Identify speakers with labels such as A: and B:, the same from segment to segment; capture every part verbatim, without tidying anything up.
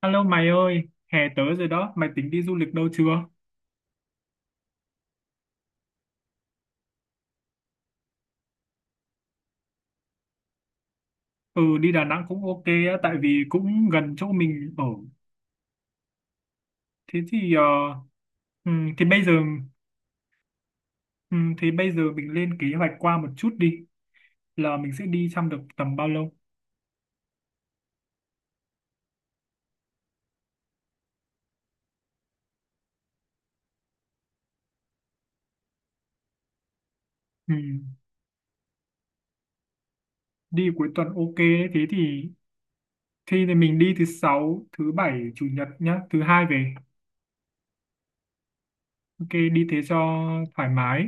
A: Alo mày ơi, hè tới rồi đó, mày tính đi du lịch đâu chưa? Ừ, đi Đà Nẵng cũng ok á, tại vì cũng gần chỗ mình ở. Thế thì ờ, ừm, thì bây giờ ừm, Thì bây giờ mình lên kế hoạch qua một chút đi, là mình sẽ đi trong được tầm bao lâu? Ừm, đi cuối tuần ok đấy, thế thì thì thì mình đi thứ sáu, thứ bảy, chủ nhật nhá, thứ hai về. Ok, đi thế cho thoải mái.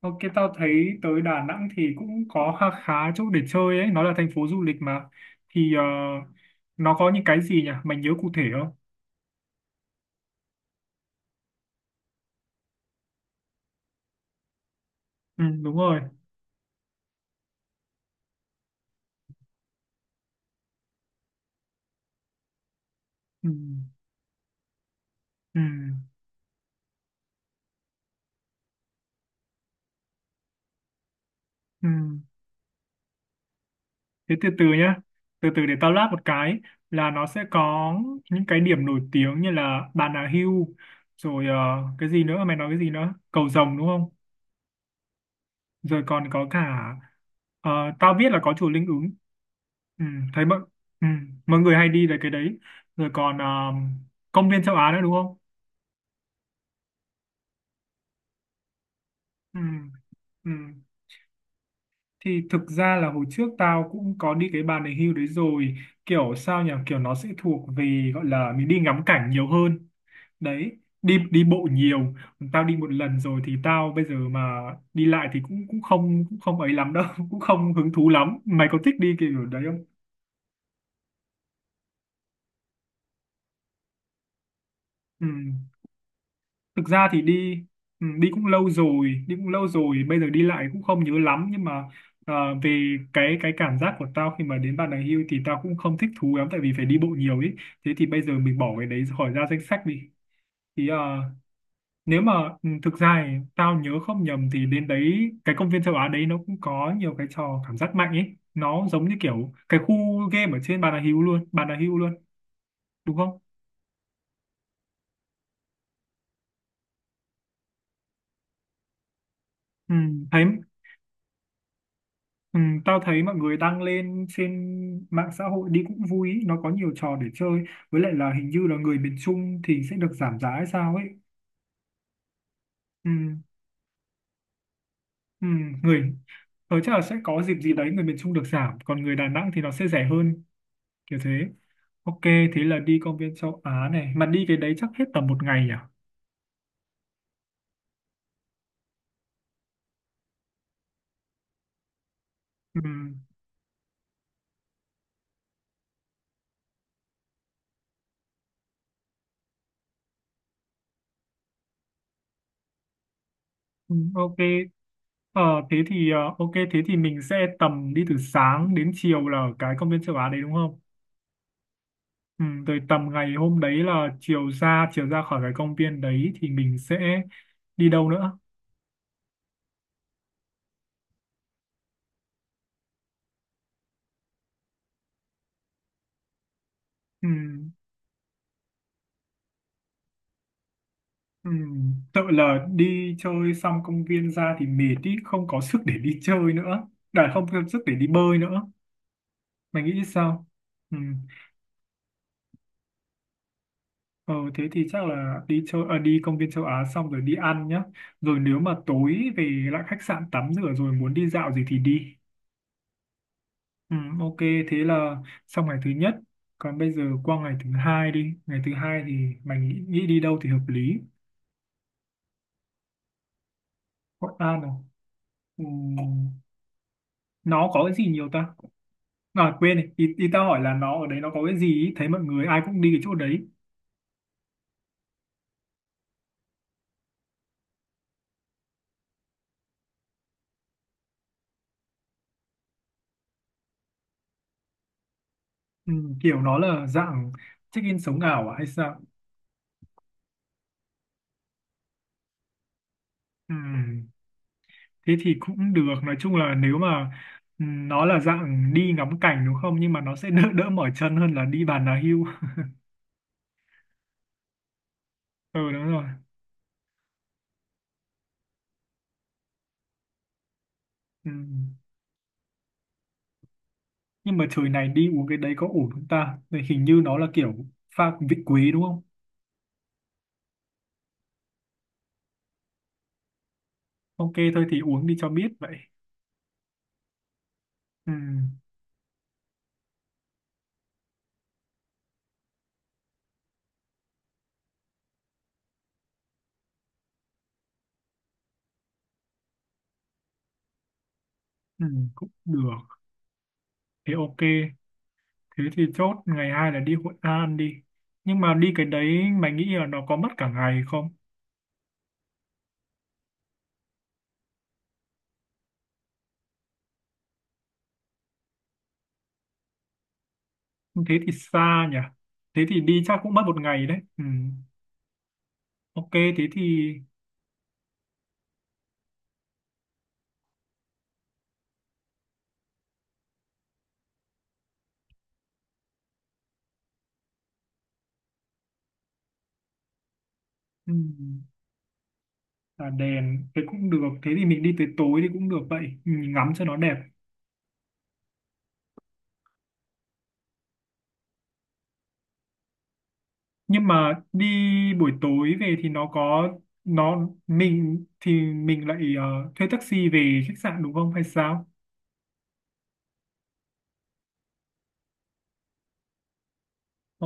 A: Ok, tao thấy tới Đà Nẵng thì cũng có khá khá chỗ để chơi ấy, nó là thành phố du lịch mà. Thì ờ, nó có những cái gì nhỉ? Mày nhớ cụ thể không? Ừ, đúng rồi. Ừ, ừ, ừ. Thế từ từ nhá. Từ từ để tao lát một cái là nó sẽ có những cái điểm nổi tiếng như là Bà Nà Hill, rồi ờ, cái gì nữa? Mày nói cái gì nữa? Cầu Rồng đúng không? Rồi còn có cả ờ, tao biết là có chùa Linh Ứng. Ừ, thấy mọi ừ, mọi người hay đi về cái đấy. Rồi còn ờ, công viên châu Á nữa đúng không? Ừ, ừ. Thì thực ra là hồi trước tao cũng có đi cái Bà Nà Hills đấy rồi, kiểu sao nhỉ, kiểu nó sẽ thuộc về gọi là mình đi ngắm cảnh nhiều hơn đấy, đi đi bộ nhiều. Tao đi một lần rồi thì tao bây giờ mà đi lại thì cũng cũng không cũng không ấy lắm đâu cũng không hứng thú lắm. Mày có thích đi kiểu đấy không? Ừ. Thực ra thì đi ừ, đi cũng lâu rồi, đi cũng lâu rồi bây giờ đi lại cũng không nhớ lắm, nhưng mà ờ, về cái cái cảm giác của tao khi mà đến Bà Nà Hills thì tao cũng không thích thú lắm tại vì phải đi bộ nhiều ấy. Thế thì bây giờ mình bỏ cái đấy khỏi ra danh sách đi. Thì ờ, nếu mà ừ, thực ra thì tao nhớ không nhầm thì đến đấy cái công viên châu Á đấy nó cũng có nhiều cái trò cảm giác mạnh ấy, nó giống như kiểu cái khu game ở trên Bà Nà Hills luôn Bà Nà Hills luôn đúng không? Ừ, thấy Ừ, tao thấy mọi người đăng lên trên mạng xã hội đi cũng vui ý, nó có nhiều trò để chơi. Với lại là hình như là người miền Trung thì sẽ được giảm giá hay sao ấy. Ừ, ừ, người ở chắc là sẽ có dịp gì đấy người miền Trung được giảm, còn người Đà Nẵng thì nó sẽ rẻ hơn, kiểu thế. Ok thế là đi công viên châu Á này, mà đi cái đấy chắc hết tầm một ngày à? Ừ, ừ, ok. ờ, Thế thì ờ, ok thế thì mình sẽ tầm đi từ sáng đến chiều là ở cái công viên châu Á đấy đúng không? Ừ, rồi tầm ngày hôm đấy là chiều ra chiều ra khỏi cái công viên đấy thì mình sẽ đi đâu nữa? Ừ, ừ, tự là đi chơi xong công viên ra thì mệt ý, không có sức để đi chơi nữa, đã không có sức để đi bơi nữa. Mày nghĩ sao? Ừ. ờ, Thế thì chắc là đi chơi à, đi công viên châu Á xong rồi đi ăn nhá, rồi nếu mà tối về lại khách sạn tắm rửa rồi muốn đi dạo gì thì đi. Ừ, ok thế là xong ngày thứ nhất. Còn bây giờ qua ngày thứ hai đi, ngày thứ hai thì mày nghĩ, nghĩ đi đâu thì hợp lý? Hội An à? Ừ, nó có cái gì nhiều ta? À quên này, ý, ý tao hỏi là nó ở đấy nó có cái gì ý? Thấy mọi người ai cũng đi cái chỗ đấy. Ừ, kiểu nó là dạng check-in sống ảo à hay sao? Ừ, thế thì cũng được, nói chung là nếu mà ừ, nó là dạng đi ngắm cảnh đúng không, nhưng mà nó sẽ đỡ đỡ mỏi chân hơn là đi bàn đà hưu. Ừ đúng rồi. Ừ. Nhưng mà trời này đi uống cái đấy có ổn không ta? Đây hình như nó là kiểu pha vị quý đúng không? Ok thôi thì uống đi cho biết vậy. Ừ, ừ, cũng được. Thế ok, thế thì chốt ngày hai là đi Hội An đi. Nhưng mà đi cái đấy, mày nghĩ là nó có mất cả ngày không? Thế thì xa nhỉ, thế thì đi chắc cũng mất một ngày đấy. Ừ. Ok thế thì ừ. Tà đèn thế cũng được, thế thì mình đi tới tối thì cũng được, vậy mình ngắm cho nó đẹp. Nhưng mà đi buổi tối về thì nó có nó mình thì mình lại ờ, thuê taxi về khách sạn đúng không hay sao?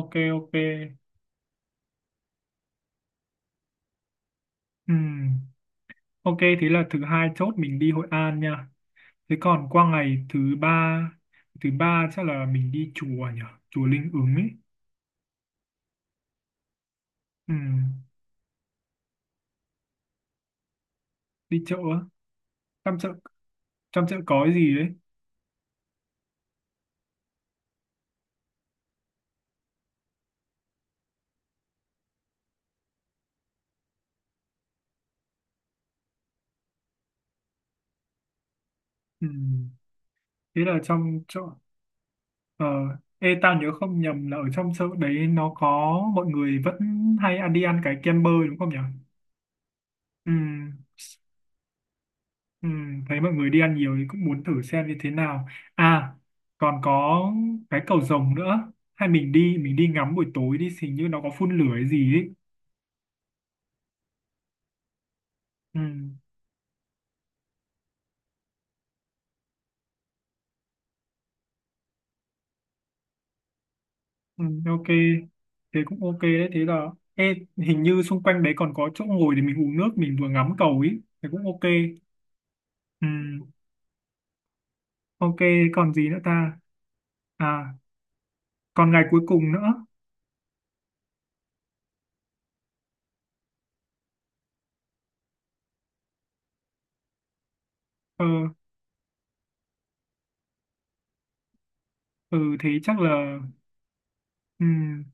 A: Ok ok. Ừm, ok thế là thứ hai chốt mình đi Hội An nha. Thế còn qua ngày thứ ba, thứ ba chắc là mình đi chùa nhỉ, chùa Linh Ứng ấy. Ừm, đi chợ á. trong chợ trong chợ có cái gì đấy. Ừm, thế là trong chợ. Ờ, ê, tao nhớ không nhầm là ở trong chợ đấy nó có mọi người vẫn hay ăn đi ăn cái kem bơ đúng không nhỉ? Ừ, ừ, thấy mọi người đi ăn nhiều thì cũng muốn thử xem như thế nào. À, còn có cái Cầu Rồng nữa. Hay mình đi mình đi ngắm buổi tối đi, hình như nó có phun lửa hay gì ấy. Ừ, ừ, ok. Thế cũng ok đấy. Thế là ê, hình như xung quanh đấy còn có chỗ ngồi để mình uống nước, mình vừa ngắm cầu ấy. Thế cũng ok. Ừ, ok, còn gì nữa ta? À, còn ngày cuối cùng nữa. ờ ừ, thế chắc là ừm,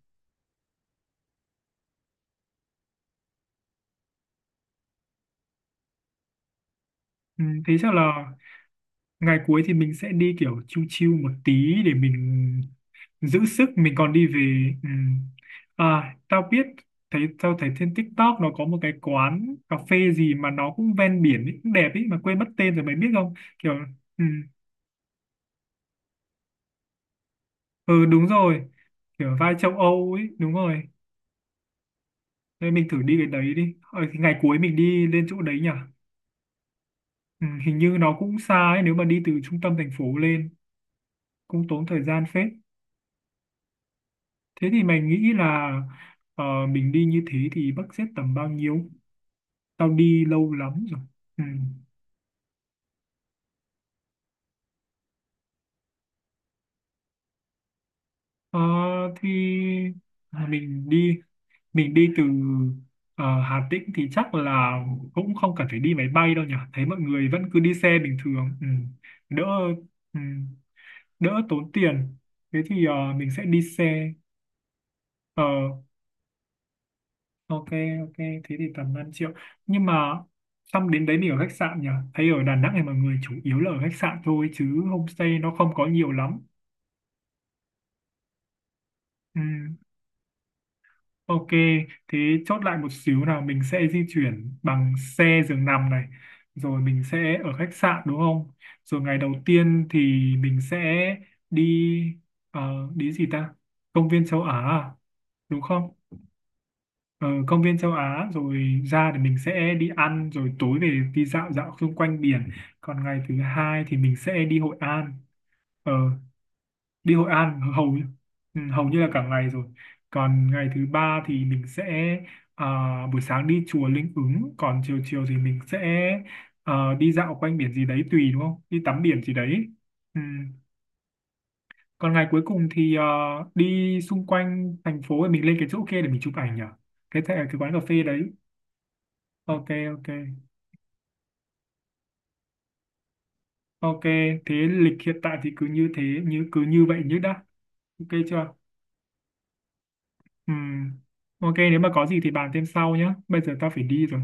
A: ừm, Thế chắc là ngày cuối thì mình sẽ đi kiểu chill chill một tí để mình giữ sức mình còn đi về ừm. À tao biết, thấy tao thấy trên TikTok nó có một cái quán cà phê gì mà nó cũng ven biển ấy, cũng đẹp ấy mà quên mất tên rồi mày biết không? Kiểu ừm, ừ đúng rồi, kiểu vai châu Âu ấy đúng rồi. Nên mình thử đi cái đấy đi, ờ, thì ngày cuối mình đi lên chỗ đấy nhỉ. Ừ, hình như nó cũng xa ấy, nếu mà đi từ trung tâm thành phố lên cũng tốn thời gian phết. Thế thì mày nghĩ là ờ, mình đi như thế thì budget sẽ tầm bao nhiêu? Tao đi lâu lắm rồi. Ừ. Ờ, thì à, mình đi mình đi từ ờ, Hà Tĩnh thì chắc là cũng không cần phải đi máy bay đâu nhỉ. Thấy mọi người vẫn cứ đi xe bình thường. Ừ. Đỡ ừ. Đỡ tốn tiền. Thế thì ờ, mình sẽ đi xe. Ờ, ok ok, thế thì tầm năm triệu. Nhưng mà xong đến đấy mình ở khách sạn nhỉ, thấy ở Đà Nẵng này mọi người chủ yếu là ở khách sạn thôi chứ homestay nó không có nhiều lắm. Ừ, ok. Thế chốt lại một xíu nào, mình sẽ di chuyển bằng xe giường nằm này, rồi mình sẽ ở khách sạn đúng không, rồi ngày đầu tiên thì mình sẽ đi ờ, đi gì ta, công viên châu Á à? Đúng không? ờ, Công viên châu Á rồi ra thì mình sẽ đi ăn rồi tối về đi dạo dạo xung quanh biển. Còn ngày thứ hai thì mình sẽ đi Hội An, ờ, đi Hội An hầu như- Ừ, hầu như là cả ngày rồi. Còn ngày thứ ba thì mình sẽ à, buổi sáng đi chùa Linh Ứng, còn chiều chiều thì mình sẽ ờ, đi dạo quanh biển gì đấy, tùy đúng không, đi tắm biển gì đấy. Ừ. Còn ngày cuối cùng thì ờ, đi xung quanh thành phố, mình lên cái chỗ kia để mình chụp ảnh nhỉ, cái thẻ- cái quán cà phê đấy. Ok ok ok, thế lịch hiện tại thì cứ như thế như cứ như vậy nhất đã. Ok chưa? Ừ ok, nếu mà có gì thì bàn thêm sau nhé, bây giờ tao phải đi rồi.